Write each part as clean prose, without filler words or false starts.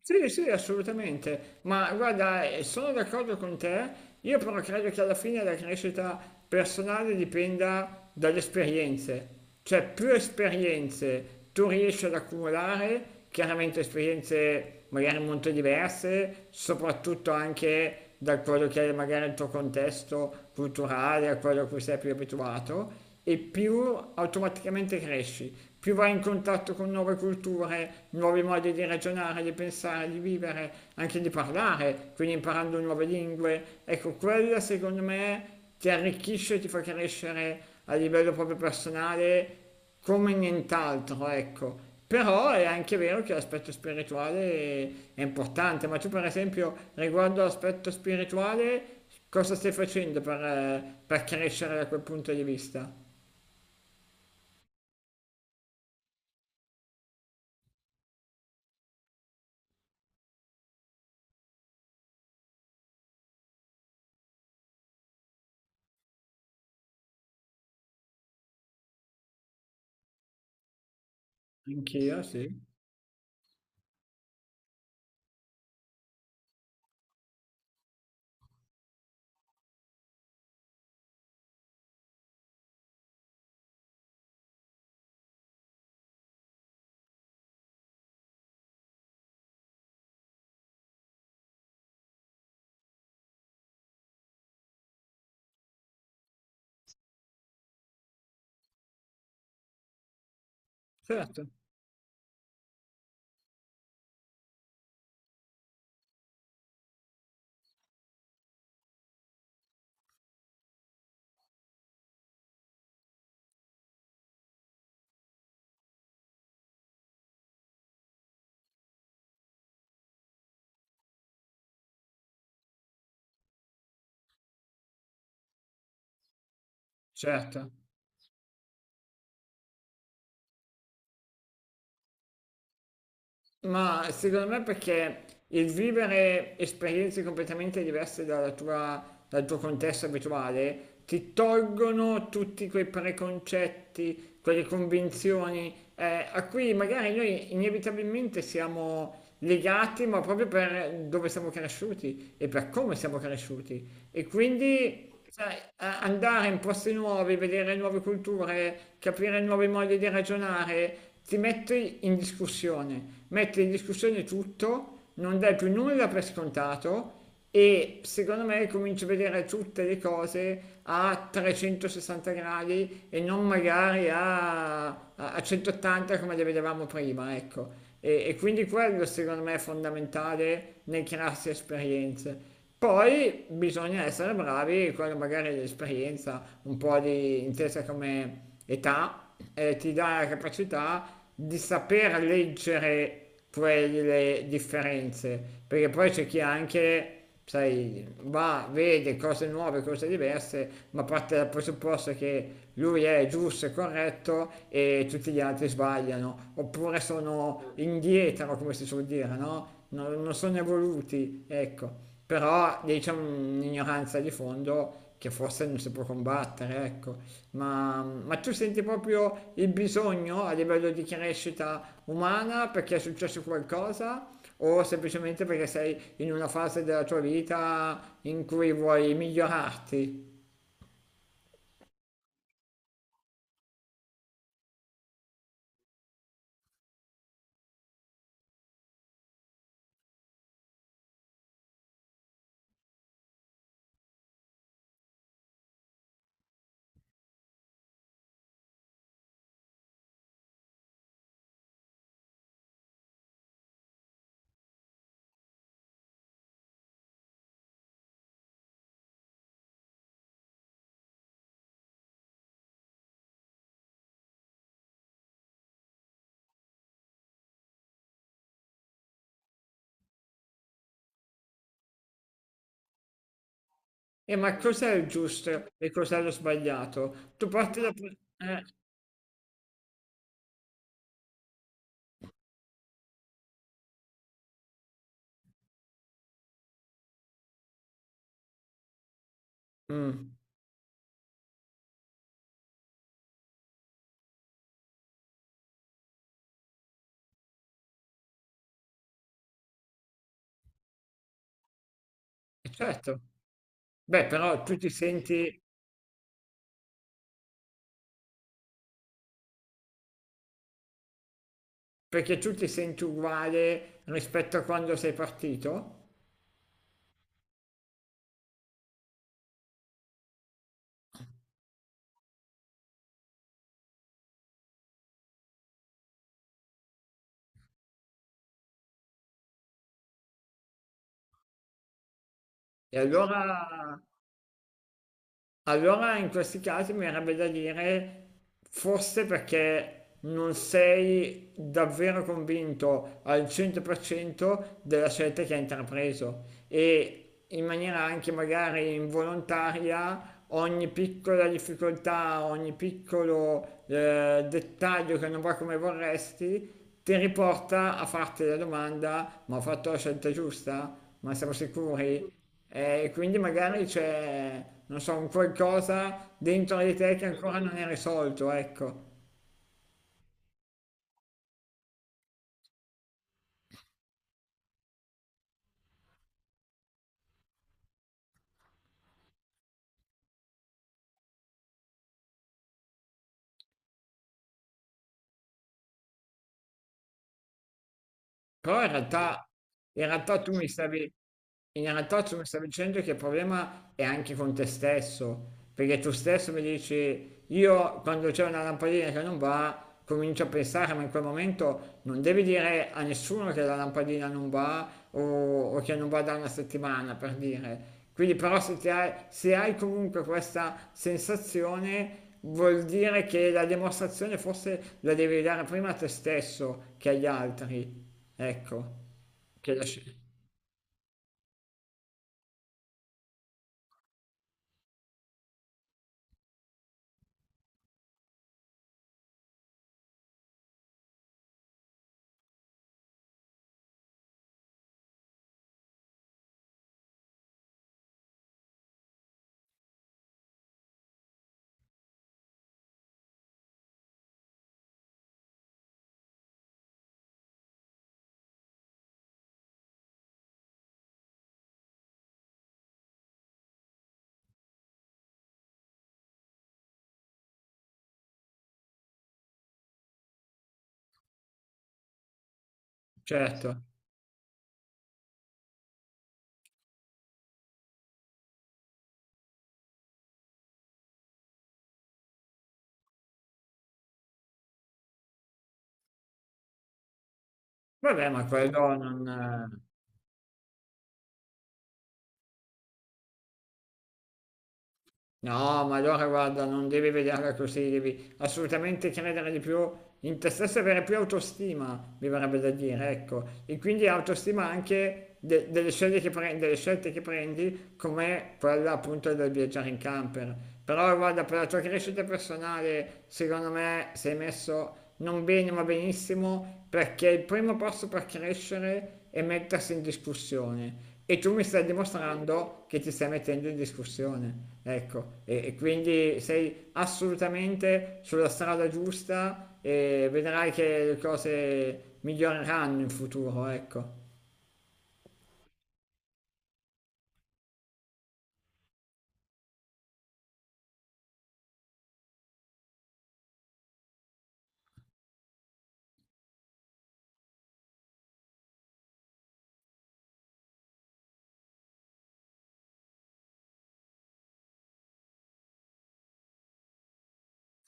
Sì, sì, assolutamente, ma guarda, sono d'accordo con te, io però credo che alla fine la crescita personale dipenda dalle esperienze, cioè più esperienze tu riesci ad accumulare, chiaramente esperienze magari molto diverse, soprattutto anche da quello che è magari il tuo contesto culturale, a quello a cui sei più abituato, e più automaticamente cresci, più vai in contatto con nuove culture, nuovi modi di ragionare, di pensare, di vivere, anche di parlare, quindi imparando nuove lingue. Ecco, quella secondo me ti arricchisce e ti fa crescere a livello proprio personale come nient'altro, ecco. Però è anche vero che l'aspetto spirituale è importante, ma tu per esempio riguardo all'aspetto spirituale cosa stai facendo per crescere da quel punto di vista? Anch'io, sì, certo, certo. Ma secondo me perché il vivere esperienze completamente diverse dalla tua- dal tuo contesto abituale ti tolgono tutti quei preconcetti, quelle convinzioni a cui magari noi inevitabilmente siamo legati, ma proprio per dove siamo cresciuti e per come siamo cresciuti. E quindi sai, andare in posti nuovi, vedere nuove culture, capire nuovi modi di ragionare, ti metti in discussione tutto, non dai più nulla per scontato e secondo me cominci a vedere tutte le cose a 360 gradi e non magari a, a 180 come le vedevamo prima, ecco. E quindi quello secondo me è fondamentale nel crearsi esperienze. Poi bisogna essere bravi, quello magari è l'esperienza, un po' di intesa come età, ti dà la capacità di saper leggere quelle differenze, perché poi c'è chi anche, sai, va, vede cose nuove, cose diverse, ma parte dal presupposto che lui è giusto e corretto e tutti gli altri sbagliano, oppure sono indietro, come si suol dire, no? Non sono evoluti, ecco, però lì c'è un'ignoranza di fondo che forse non si può combattere, ecco. Ma tu senti proprio il bisogno a livello di crescita umana perché è successo qualcosa o semplicemente perché sei in una fase della tua vita in cui vuoi migliorarti? E ma cos'è il giusto e cos'è lo sbagliato? Tu parti da... pre- mm, certo. Beh, però tu ti senti perché tu ti senti uguale rispetto a quando sei partito? E allora Allora in questi casi mi verrebbe da dire, forse perché non sei davvero convinto al 100% della scelta che hai intrapreso e in maniera anche magari involontaria ogni piccola difficoltà, ogni piccolo dettaglio che non va come vorresti, ti riporta a farti la domanda, ma ho fatto la scelta giusta? Ma siamo sicuri? E quindi magari c'è, non so, un qualcosa dentro di te che ancora non è risolto, ecco. Però in realtà tu mi stavi, in realtà tu mi stavi dicendo che il problema è anche con te stesso, perché tu stesso mi dici, io quando c'è una lampadina che non va, comincio a pensare, ma in quel momento non devi dire a nessuno che la lampadina non va o che non va da una settimana, per dire. Quindi però se hai comunque questa sensazione vuol dire che la dimostrazione forse la devi dare prima a te stesso che agli altri. Ecco, che la sci- certo. Vabbè, ma quello non... No, ma allora guarda, non devi vederla così, devi assolutamente credere di più in te stesso e avere più autostima, mi verrebbe da dire, ecco. E quindi autostima anche delle scelte che prendi, delle scelte che prendi, come quella appunto del viaggiare in camper. Però guarda, per la tua crescita personale, secondo me sei messo non bene ma benissimo, perché il primo passo per crescere è mettersi in discussione. E tu mi stai dimostrando che ti stai mettendo in discussione, ecco, e quindi sei assolutamente sulla strada giusta e vedrai che le cose miglioreranno in futuro, ecco.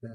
Sì.